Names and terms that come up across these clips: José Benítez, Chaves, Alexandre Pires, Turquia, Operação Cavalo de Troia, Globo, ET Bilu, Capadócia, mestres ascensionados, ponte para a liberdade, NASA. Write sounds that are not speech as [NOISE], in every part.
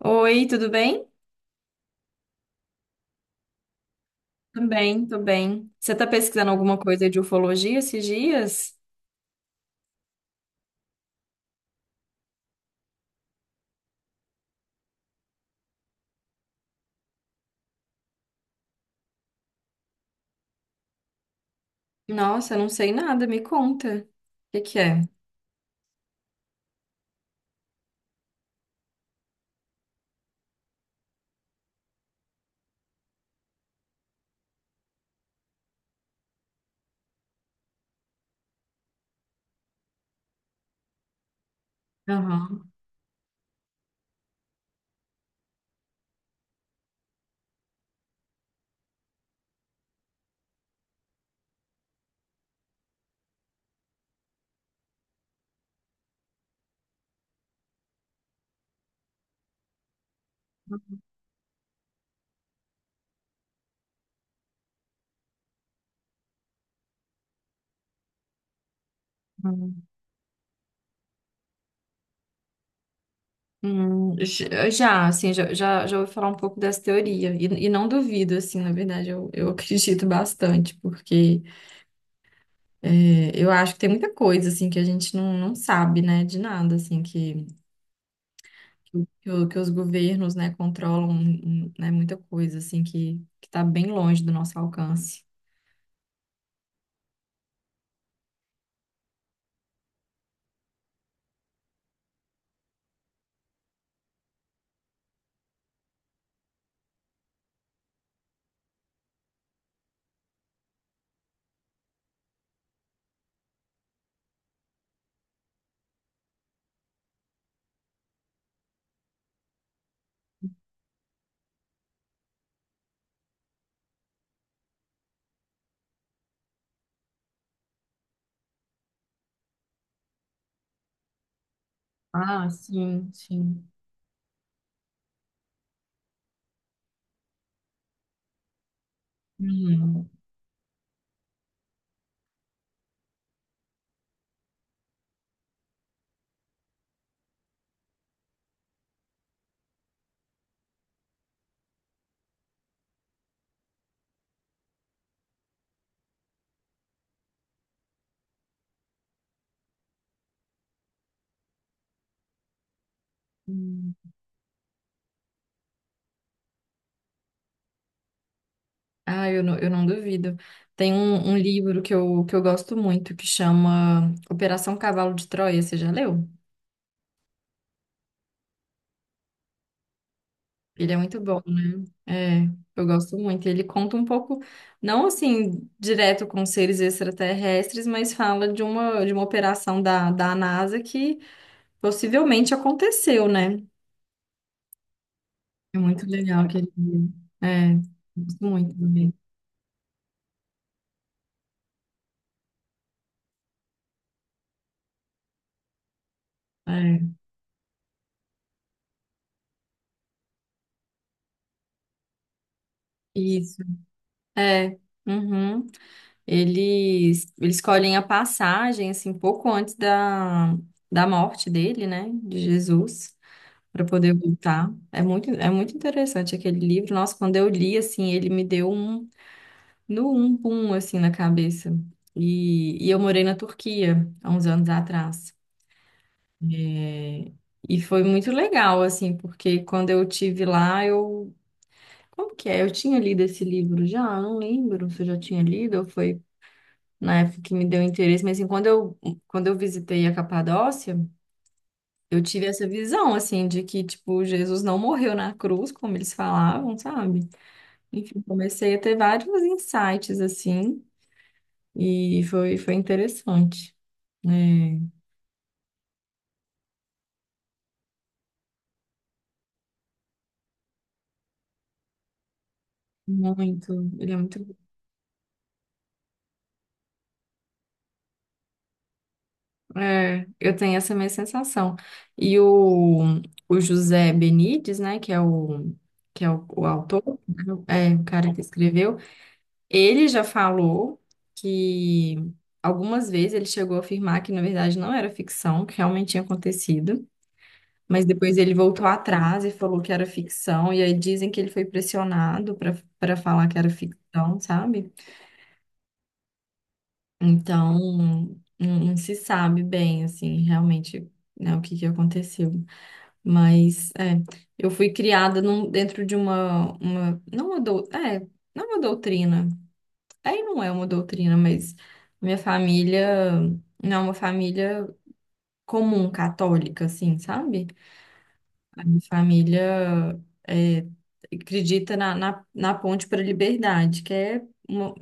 Oi, tudo bem? Tudo bem, tô bem. Você tá pesquisando alguma coisa de ufologia esses dias? Nossa, eu não sei nada, me conta. O que que é? Aham. Hum, j- já, assim, já, já, já ouvi falar um pouco dessa teoria. E não duvido, assim, na verdade, eu [LAUGHS] acredito bastante, porque é, eu acho que tem muita coisa, assim, que a gente não sabe, né, de nada, assim, que, que os governos, né, controlam, né, muita coisa, assim, que tá bem longe do nosso alcance. Ah, sim, sim. Uhum. Hum. Ah, eu não duvido. Tem um livro que eu gosto muito que chama Operação Cavalo de Troia. Você já leu? Ele é muito bom, né? É, eu gosto muito. Ele conta um pouco, não assim, direto com seres extraterrestres, mas fala de uma operação da NASA que possivelmente aconteceu, né? É muito legal aquele livro. É, gosto muito também. É, isso. É. Uhum. Eles escolhem a passagem, assim, pouco antes da morte dele, né, de Jesus, para poder voltar. É muito interessante aquele livro. Nossa, quando eu li, assim, ele me deu um, no um pum, assim, na cabeça. E eu morei na Turquia, há uns anos atrás. É, e foi muito legal, assim, porque quando eu tive lá, eu... Como que é? Eu tinha lido esse livro já? Eu não lembro se eu já tinha lido ou foi na época que me deu interesse, mas assim, quando eu visitei a Capadócia, eu tive essa visão, assim, de que, tipo, Jesus não morreu na cruz, como eles falavam, sabe? Enfim, comecei a ter vários insights, assim, e foi interessante. É, muito, ele é muito. É, eu tenho essa minha sensação. E o José Benítez, né, que é o autor, né, é o cara que escreveu. Ele já falou que algumas vezes ele chegou a afirmar que, na verdade, não era ficção, que realmente tinha acontecido, mas depois ele voltou atrás e falou que era ficção, e aí dizem que ele foi pressionado para falar que era ficção, sabe? Então, não se sabe bem, assim, realmente, né, o que que aconteceu. Mas, é, eu fui criada num- dentro de uma, não uma, dou- é, não uma doutrina. Aí não é uma doutrina, mas minha família não é uma família comum católica, assim, sabe? A minha família é, acredita na, na, na ponte para a liberdade, que é uma,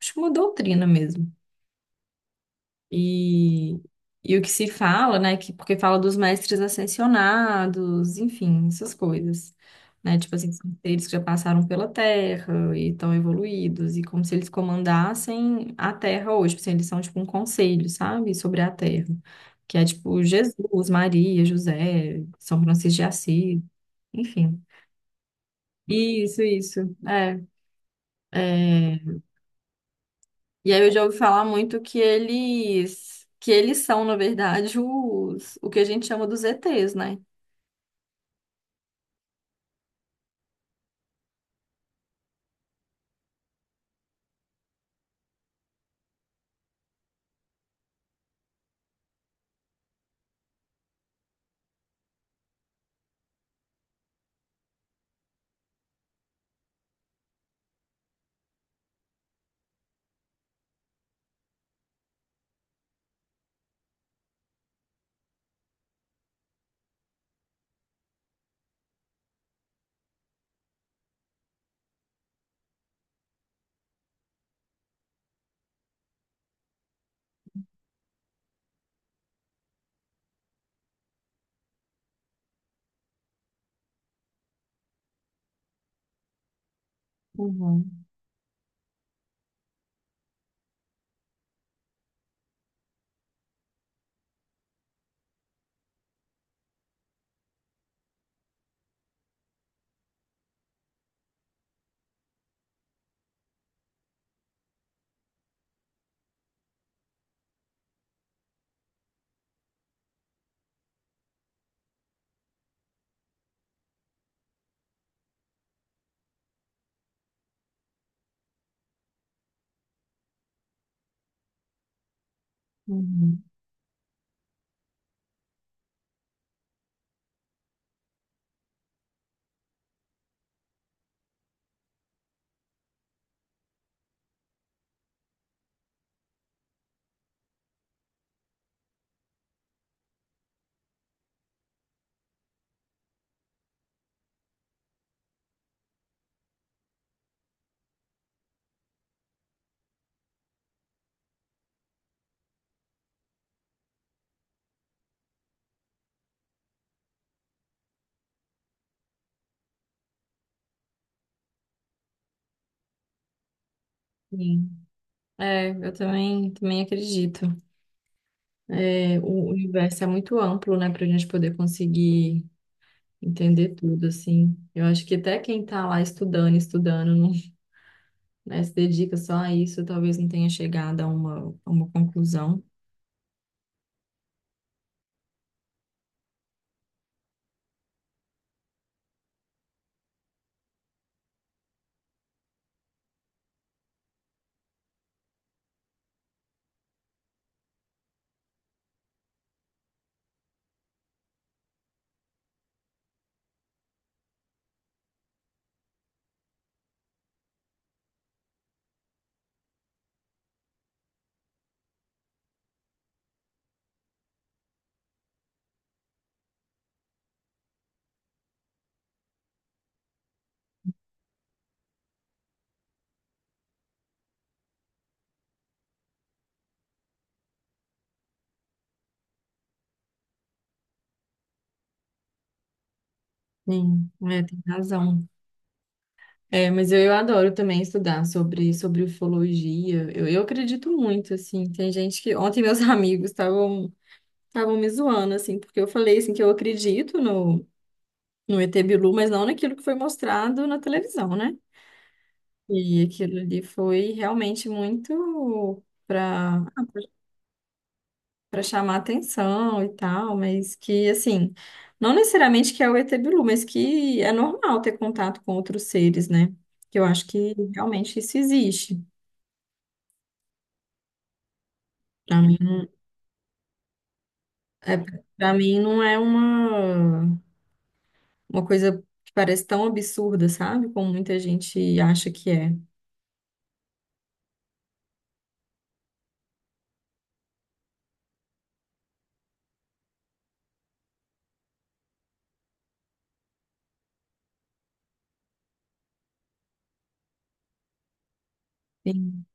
acho que uma doutrina mesmo. E, e o que se fala, né? Que, porque fala dos mestres ascensionados, enfim, essas coisas. Né? Tipo assim, são seres que já passaram pela Terra e estão evoluídos, e como se eles comandassem a Terra hoje. Tipo assim, eles são tipo um conselho, sabe? Sobre a Terra. Que é tipo Jesus, Maria, José, São Francisco de Assis, enfim. Isso, isso. É, é. E aí eu já ouvi falar muito que eles são, na verdade, os o que a gente chama dos ETs, né? Uhum, uhum, sim. É, eu também acredito. É, o universo é muito amplo, né, para a gente poder conseguir entender tudo assim. Eu acho que até quem tá lá estudando, estudando, não, né, se dedica só a isso, talvez não tenha chegado a uma conclusão. Sim, é, tem razão. É, mas eu adoro também estudar sobre, sobre ufologia. Eu acredito muito, assim. Tem gente que. Ontem meus [LAUGHS] amigos estavam me zoando, assim, porque eu falei assim que eu acredito no ET Bilu, mas não naquilo que foi mostrado na televisão, né? E aquilo ali foi realmente muito para para chamar atenção e tal, mas que assim, não necessariamente que é o ET Bilu, mas que é normal ter contato com outros seres, né? Que eu acho que realmente isso existe. Para mim, é, para mim não é uma coisa que parece tão absurda, sabe? Como muita gente acha que é. Sim,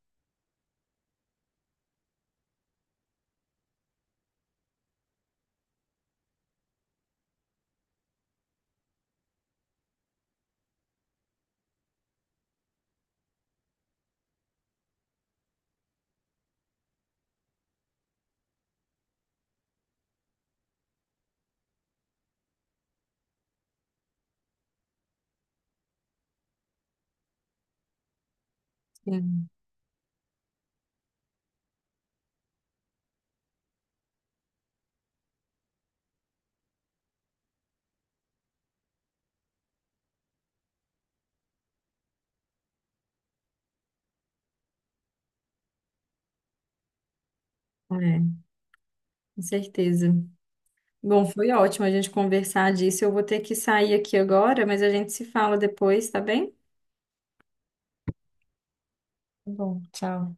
sim, é, com certeza. Bom, foi ótimo a gente conversar disso. Eu vou ter que sair aqui agora, mas a gente se fala depois, tá bem? Tá, bom, tchau.